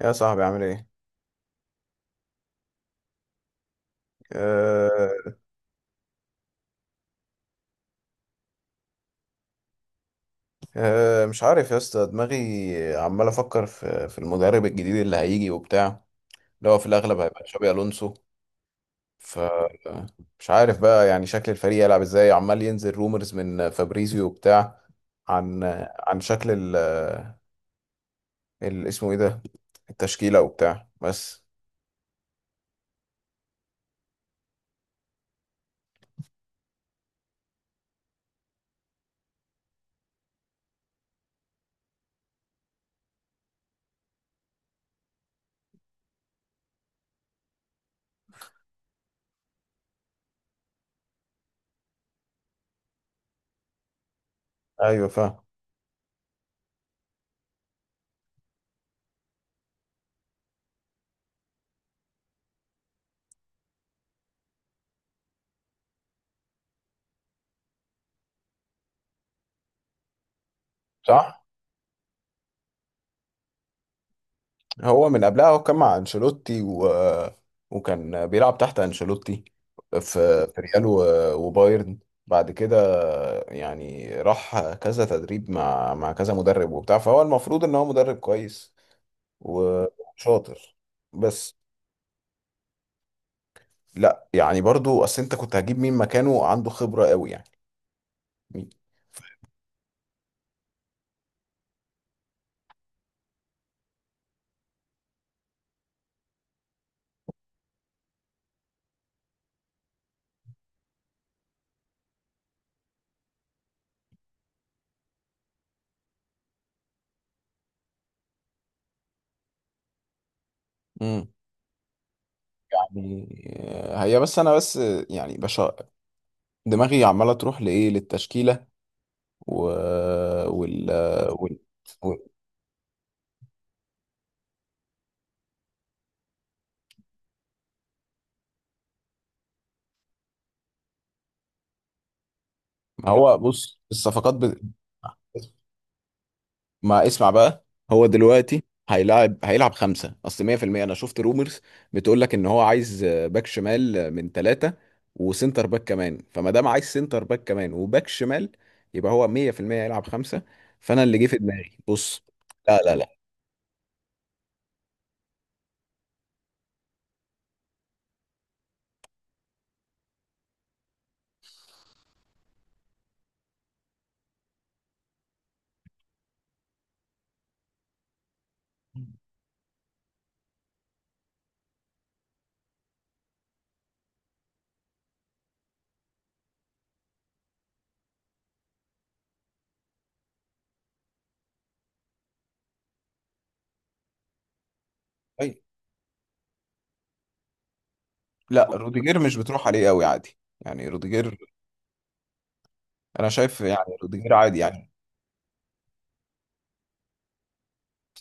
يا صاحبي عامل ايه؟ أه أه مش عارف يا اسطى دماغي عمال افكر في المدرب الجديد اللي هيجي وبتاع اللي هو في الاغلب هيبقى تشابي الونسو. ف مش عارف بقى يعني شكل الفريق يلعب ازاي، عمال ينزل رومرز من فابريزيو وبتاع. عن عن شكل اسمه ايه ده، التشكيلة وبتاع بس. ايوه فاهم. صح؟ هو من قبلها هو كان مع انشيلوتي وكان بيلعب تحت انشيلوتي في في ريال وبايرن بعد كده. يعني راح كذا تدريب مع كذا مدرب وبتاع، فهو المفروض ان هو مدرب كويس وشاطر. بس لا يعني برضو، اصل انت كنت هجيب مين مكانه عنده خبرة قوي يعني؟ مين؟ امم، يعني هي بس انا بس يعني دماغي عمالة تروح لايه، للتشكيلة و... وال... وال... وال... ما هو بص، الصفقات ما اسمع بقى. هو دلوقتي هيلعب خمسة، أصل 100% أنا شفت رومرز بتقول لك إن هو عايز باك شمال من ثلاثة وسنتر باك كمان، فما دام عايز سنتر باك كمان وباك شمال يبقى هو 100% هيلعب خمسة. فأنا اللي جه في دماغي بص. لا. أي- لا، روديجير مش بتروح عليه قوي، عادي يعني روديجير. أنا شايف يعني روديجير عادي يعني.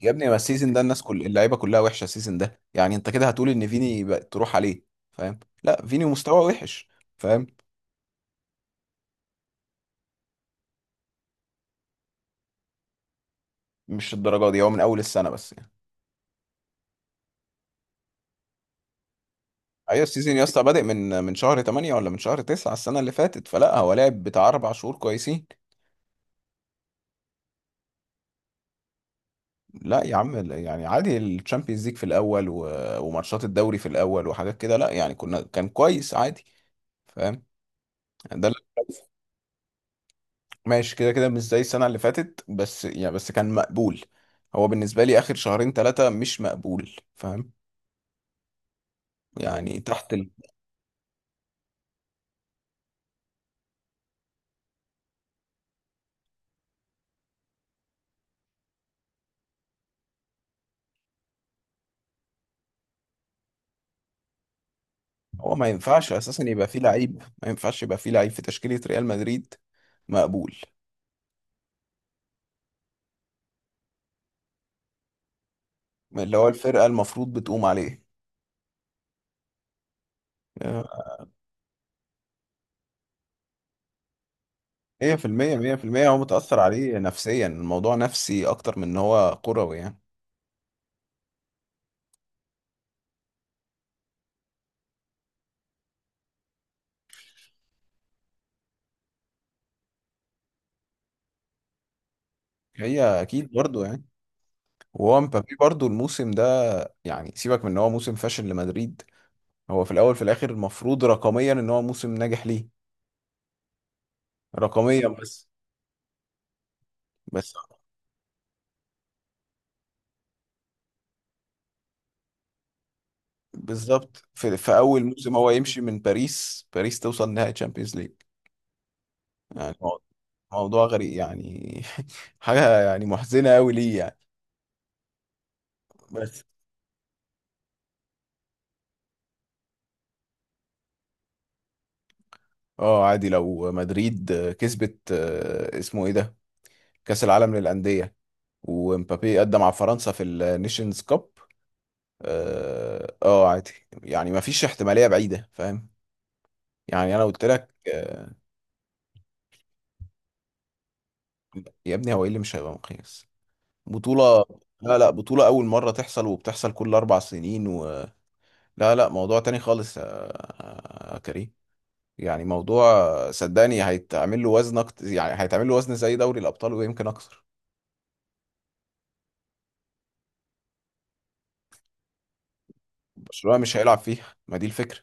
يا ابني ما السيزون ده الناس كل اللعيبه كلها وحشه السيزون ده، يعني انت كده هتقول ان فيني بقى تروح عليه؟ فاهم؟ لا فيني مستواه وحش. فاهم؟ مش الدرجه دي، هو من اول السنه بس يعني. ايوه السيزون يا اسطى بادئ من شهر 8 ولا من شهر 9 السنه اللي فاتت، فلا هو لعب بتاع اربع شهور كويسين. لا يا عم لا، يعني عادي الشامبيونز ليج في الاول وماتشات الدوري في الاول وحاجات كده، لا يعني كنا كان كويس عادي. فاهم؟ ده ماشي كده كده مش زي السنة اللي فاتت بس يعني، بس كان مقبول. هو بالنسبة لي آخر شهرين ثلاثة مش مقبول. فاهم؟ يعني تحت هو ما ينفعش أساسا يبقى فيه لعيب، ما ينفعش يبقى فيه لعيب في تشكيلة ريال مدريد مقبول، اللي هو الفرقة المفروض بتقوم عليه. آه، مية في المية، مية في المية، هو متأثر عليه نفسيا، الموضوع نفسي أكتر من إن هو كروي يعني. هي أكيد برضه يعني. وهو مبابي برضه الموسم ده، يعني سيبك من إن هو موسم فاشل لمدريد، هو في الاول في الاخر المفروض رقميا ان هو موسم ناجح ليه. رقميا بس. بس بالظبط في, في اول موسم هو يمشي من باريس باريس توصل نهائي تشامبيونز ليج. يعني موضوع غريب يعني حاجه يعني محزنه قوي ليه يعني. بس اه عادي لو مدريد كسبت اسمه ايه ده، كاس العالم للانديه، ومبابي قدم مع فرنسا في النيشنز كاب، عادي. يعني ما فيش احتماليه بعيده فاهم. يعني انا قلت لك يا ابني هو ايه اللي مش هيبقى مقياس؟ بطولة! لا بطولة أول مرة تحصل وبتحصل كل أربع سنين لا موضوع تاني خالص يا كريم. يعني موضوع، صدقني هيتعمل له وزن يعني هيتعمل له وزن زي دوري الأبطال ويمكن أكثر. برشلونة مش هيلعب فيها، ما دي الفكرة.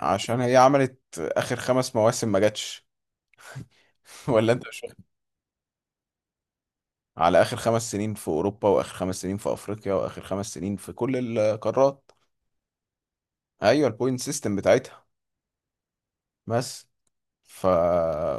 عشان هي عملت آخر خمس مواسم ما جاتش ولا أنت مش واخد- على آخر خمس سنين في أوروبا وآخر خمس سنين في أفريقيا وآخر خمس سنين في كل القارات. أيوة البوينت سيستم بتاعتها بس. ف...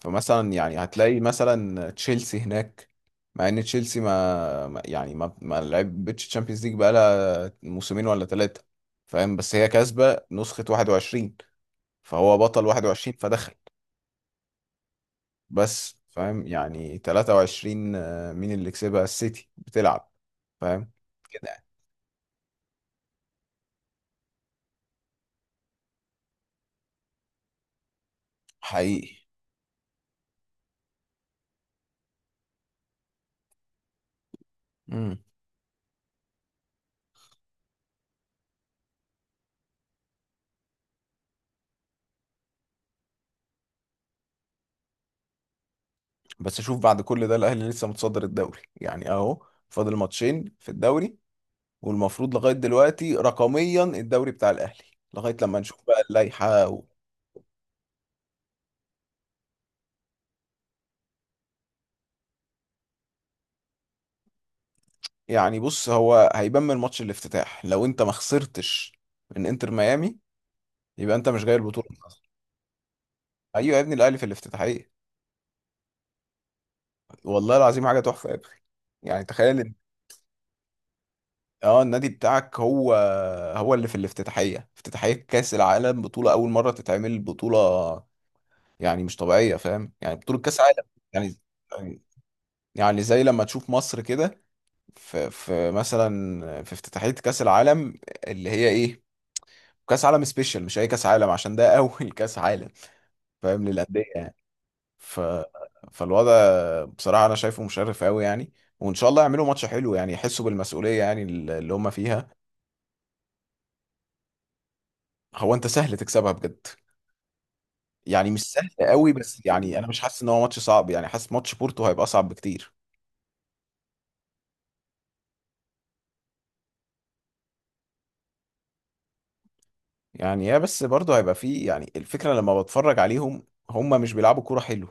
فمثلا يعني هتلاقي مثلا تشيلسي هناك، مع ان تشيلسي يعني ما ما لعبتش تشامبيونز ليج بقالها موسمين ولا ثلاثة، فاهم؟ بس هي كاسبة نسخة 21، فهو بطل 21 فدخل. بس فاهم يعني 23 مين اللي كسبها؟ السيتي، بتلعب. فاهم كده. حقيقي. امم. بس شوف بعد كل ده الاهلي لسه متصدر الدوري، يعني اهو فاضل ماتشين في الدوري، والمفروض لغاية دلوقتي رقميا الدوري بتاع الأهلي، لغاية لما نشوف بقى اللائحة يعني بص هو هيبان من ماتش الافتتاح، لو انت ما خسرتش من انتر ميامي يبقى انت مش جاي البطولة من أصلا. ايوه يا ابني الأهلي في الافتتاحية، والله العظيم حاجة تحفة يا ابني. يعني تخيل ان اه النادي بتاعك هو، هو اللي في الافتتاحية، افتتاحية كأس العالم، بطولة أول مرة تتعمل بطولة، يعني مش طبيعية، فاهم؟ يعني بطولة كأس عالم. يعني، يعني، يعني زي لما تشوف مصر كده في مثلا في افتتاحية كأس العالم، اللي هي ايه، كأس عالم سبيشال مش اي كأس عالم عشان ده اول كأس عالم، فاهم؟ للأندية يعني. ف فالوضع بصراحة انا شايفه مشرف قوي يعني، وان شاء الله يعملوا ماتش حلو، يعني يحسوا بالمسؤولية يعني اللي هم فيها. هو انت سهل تكسبها بجد؟ يعني مش سهل قوي بس، يعني انا مش حاسس ان هو ماتش صعب يعني، حاسس ماتش بورتو هيبقى اصعب بكتير. يعني يا بس برضه هيبقى فيه، يعني الفكرة لما بتفرج عليهم هم مش بيلعبوا كورة حلو،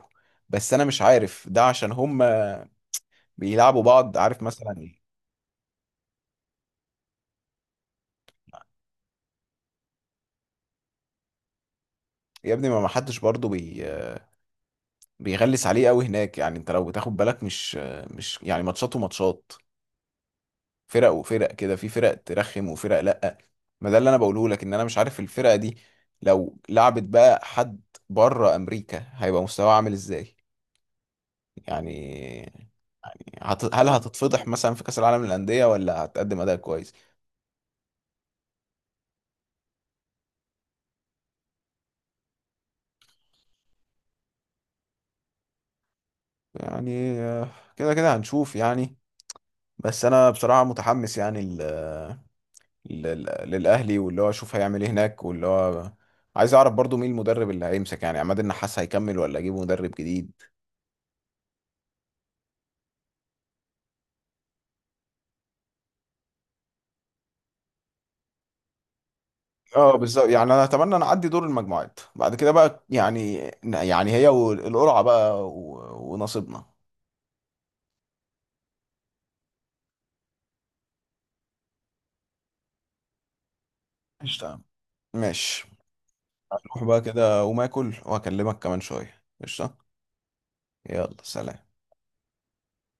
بس انا مش عارف ده عشان هم بيلعبوا بعض عارف مثلا ايه. يا ابني ما ما حدش برضه بيغلس عليه قوي هناك، يعني انت لو بتاخد بالك مش، مش يعني ماتشات وماتشات، فرق وفرق كده، في فرق ترخم وفرق لا. ما ده اللي انا بقوله لك، ان انا مش عارف الفرقه دي لو لعبت بقى حد بره امريكا هيبقى مستواها عامل ازاي يعني، هل هتتفضح مثلا في كاس العالم للانديه ولا هتقدم اداء كويس؟ يعني كده كده هنشوف يعني. بس انا بصراحه متحمس يعني للاهلي، واللي هو اشوف هيعمل ايه هناك، واللي هو عايز اعرف برضو مين المدرب اللي هيمسك، يعني عماد النحاس هيكمل ولا اجيب مدرب جديد. اه بالظبط، يعني انا اتمنى ان اعدي دور المجموعات بعد كده بقى يعني، يعني هي والقرعه بقى ونصيبنا. قشطة. ماشي. روح بقى كده وما اكل وهكلمك كمان شويه. قشطة. يلا سلام.